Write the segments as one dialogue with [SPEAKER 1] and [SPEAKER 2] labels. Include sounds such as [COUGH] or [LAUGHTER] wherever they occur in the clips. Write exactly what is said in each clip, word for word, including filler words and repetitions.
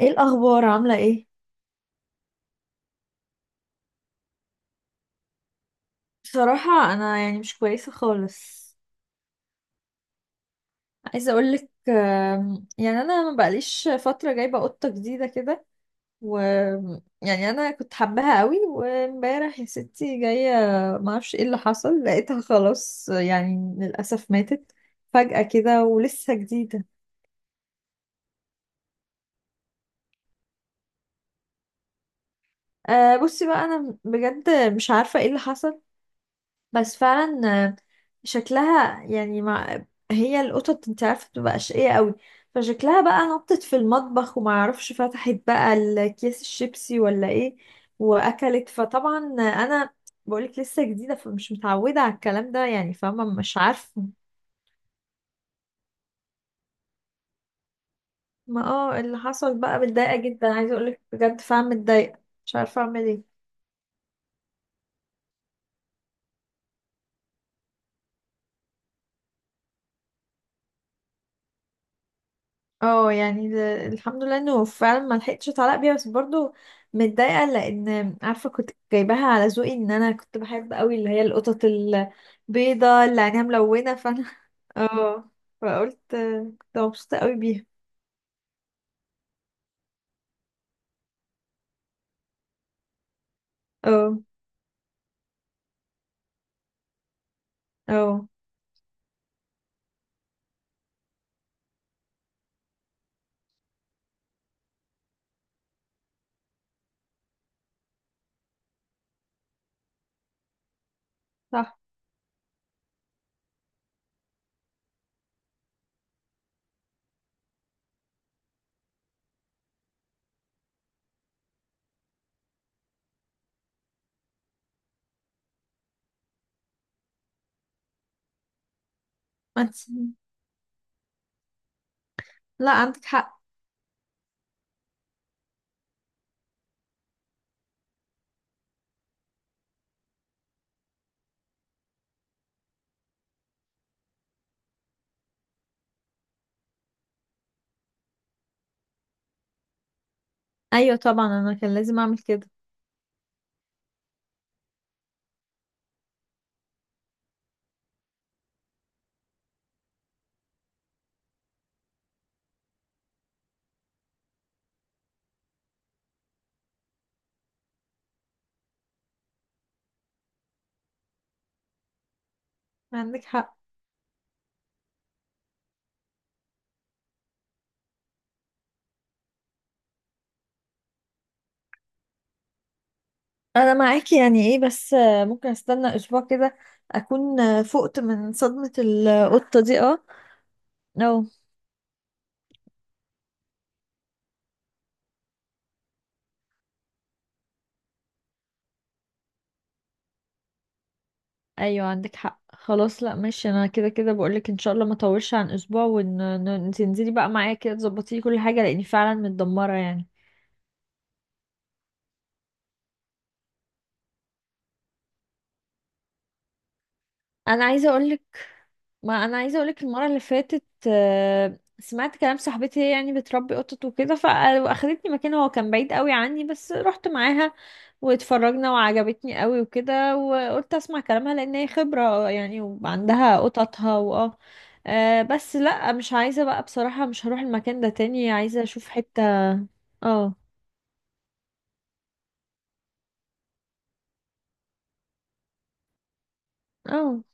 [SPEAKER 1] ايه الاخبار؟ عامله ايه؟ بصراحه انا يعني مش كويسه خالص. عايزه اقولك، آم، يعني انا ما بقاليش فتره جايبه قطه جديده كده. و يعني انا كنت حباها قوي، وامبارح يا ستي جايه، ما اعرفش ايه اللي حصل، لقيتها خلاص يعني للاسف ماتت فجأة كده ولسه جديدة. أه، بصي بقى، أنا بجد مش عارفة ايه اللي حصل، بس فعلا آه، شكلها يعني مع، هي القطط انت عارفه بتبقى اشقيه قوي، فشكلها بقى نطت في المطبخ وما اعرفش فتحت بقى الكيس الشيبسي ولا ايه واكلت. فطبعا انا بقولك لسه جديده فمش متعوده على الكلام ده، يعني فاهمه، مش عارفه ما اه اللي حصل بقى. متضايقه جدا، عايزه اقولك بجد فعلا متضايقه، مش عارفه اعمل ايه. اه يعني ال- الحمد لله انه فعلا ما لحقتش اتعلق بيها، بس برضو متضايقه لان عارفه كنت جايباها على ذوقي، ان انا كنت بحب قوي اللي هي القطط البيضه اللي عينيها ملونه، فانا [LAUGHS] اه. فقلت كنت مبسوطه قوي بيها. اه. اه صح. ما انت، لا عندك حق. ايوه طبعا، انا كان لازم اعمل كده. عندك حق. انا معاكي، يعني ايه بس، آه، ممكن استنى اسبوع كده، اكون آه، فقت من صدمه القطه دي. اه. اه. ايوه عندك حق. خلاص، لا ماشي، انا كده كده بقولك ان شاء الله ما اطولش عن اسبوع، وان إن- إن تنزلي بقى معايا كده تظبطي لي كل حاجه، لاني فعلا متدمره يعني. انا عايزه اقولك، ما انا عايزه اقولك المره اللي فاتت، آه، سمعت كلام صاحبتي هي يعني بتربي قطط وكده، فاخدتني مكان هو كان بعيد قوي عني، بس رحت معاها واتفرجنا وعجبتني قوي وكده، وقلت اسمع كلامها لان هي خبره يعني وعندها قططها واه. آه، بس لا، مش عايزه بقى بصراحه، مش هروح المكان ده تاني، عايزه اشوف حته. اه. اه.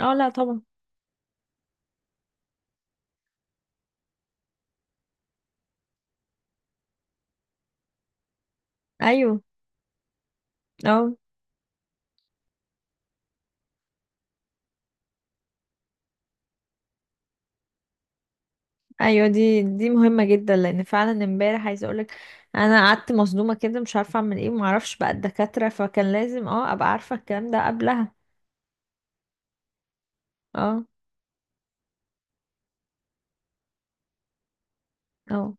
[SPEAKER 1] اه لا طبعا. ايوه. اه. ايوه دي دي مهمه جدا، لان فعلا امبارح عايزه اقولك انا قعدت مصدومه كده مش عارفه اعمل ايه، ومعرفش بقى الدكاتره، فكان لازم اه ابقى عارفه الكلام ده قبلها. اه. اه.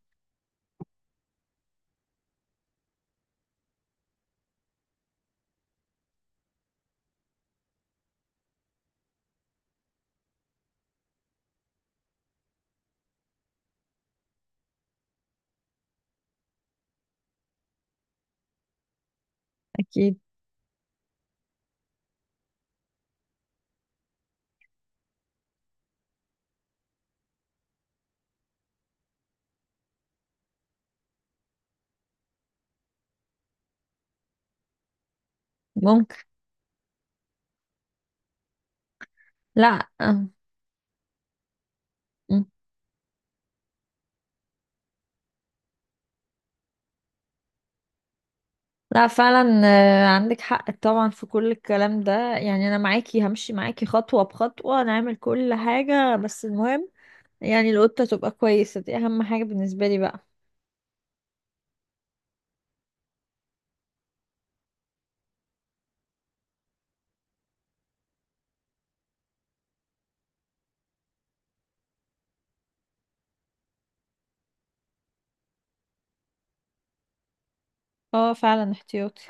[SPEAKER 1] اكيد. ممكن. لا آه، م. لا فعلا. آه، عندك حق طبعا في كل الكلام ده. يعني انا معاكي، همشي معاكي خطوه بخطوه نعمل كل حاجه، بس المهم يعني القطه تبقى كويسه، دي اهم حاجه بالنسبه لي بقى. اه فعلا احتياطي.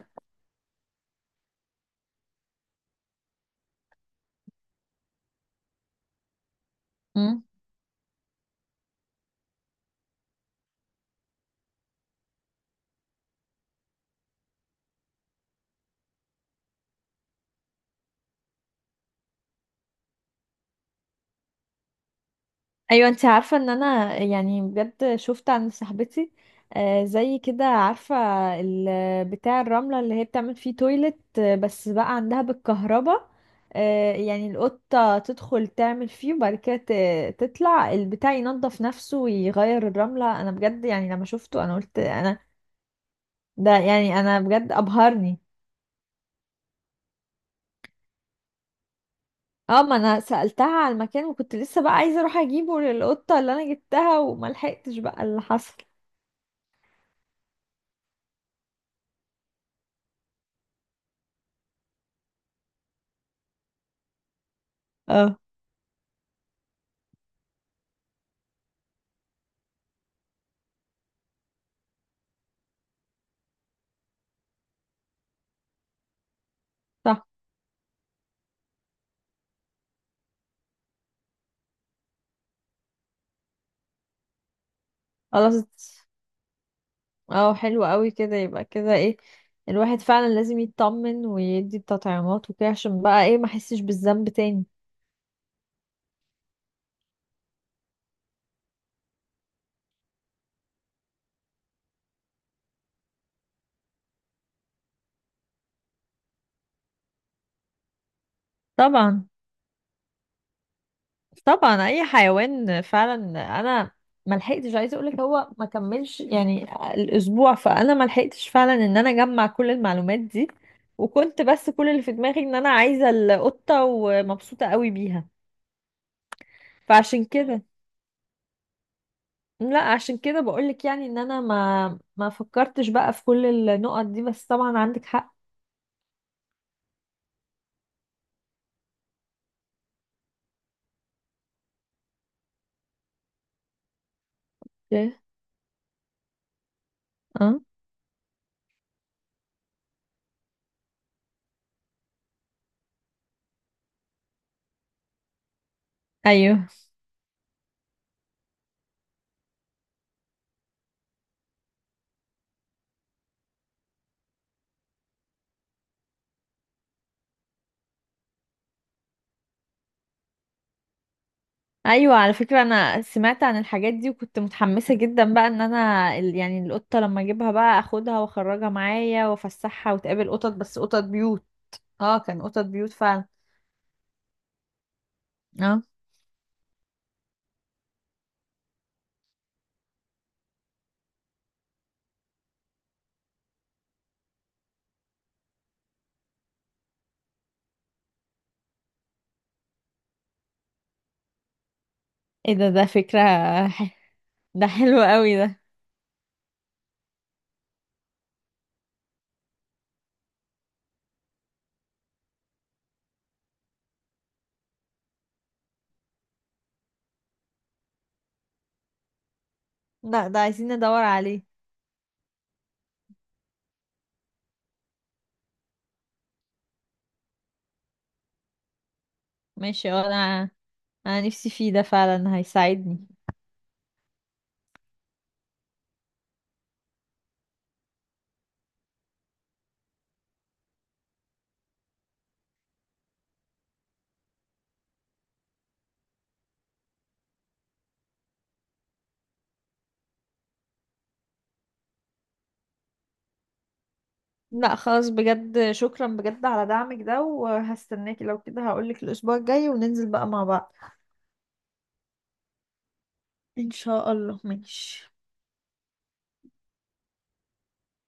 [SPEAKER 1] ايوه، انت عارفه ان انا يعني بجد شفت عند صاحبتي آه، زي كده، عارفه ال- بتاع الرمله اللي هي بتعمل فيه تويلت، آه، بس بقى عندها بالكهرباء، آه، يعني القطه تدخل تعمل فيه وبعد كده ت- تطلع البتاع ينظف نفسه ويغير الرمله. انا بجد يعني لما شفته انا قلت انا، ده يعني انا بجد ابهرني. اه، ما انا سألتها على المكان، وكنت لسه بقى عايزه اروح اجيبه للقطه اللي انا جبتها، وملحقتش بقى اللي حصل. اه صح. خلاص، اه حلو قوي كده، يبقى كده ايه، الواحد فعلا لازم يطمن ويدي التطعيمات وكده، عشان بقى ايه ما احسش بالذنب تاني. طبعا. طبعا اي حيوان فعلا. انا ما لحقتش عايزه اقول لك، هو ما كملش يعني الاسبوع، فانا ما لحقتش فعلا ان انا اجمع كل المعلومات دي، وكنت بس كل اللي في دماغي ان انا عايزه القطه ومبسوطه قوي بيها، فعشان كده. لا عشان كده بقولك يعني، ان انا ما ما فكرتش بقى في كل النقط دي، بس طبعا عندك حق. إيه؟ اه. ايوه. ايوه على فكره انا سمعت عن الحاجات دي، وكنت متحمسه جدا بقى ان انا ال- يعني القطه لما اجيبها بقى اخدها واخرجها معايا وافسحها وتقابل قطط، بس قطط بيوت. اه، كان قطط بيوت فعلا. اه. ايه ده؟ ده فكره. [LAUGHS] ح- ده حلو قوي ده. لا ده عايزين ندور عليه. ماشي، اه انا، انا نفسي فيه ده، فعلا هيساعدني. لا خلاص، بجد شكرا بجد على دعمك ده، وهستناكي لو كده هقولك الأسبوع الجاي وننزل بقى مع بعض. إن شاء الله، ماشي.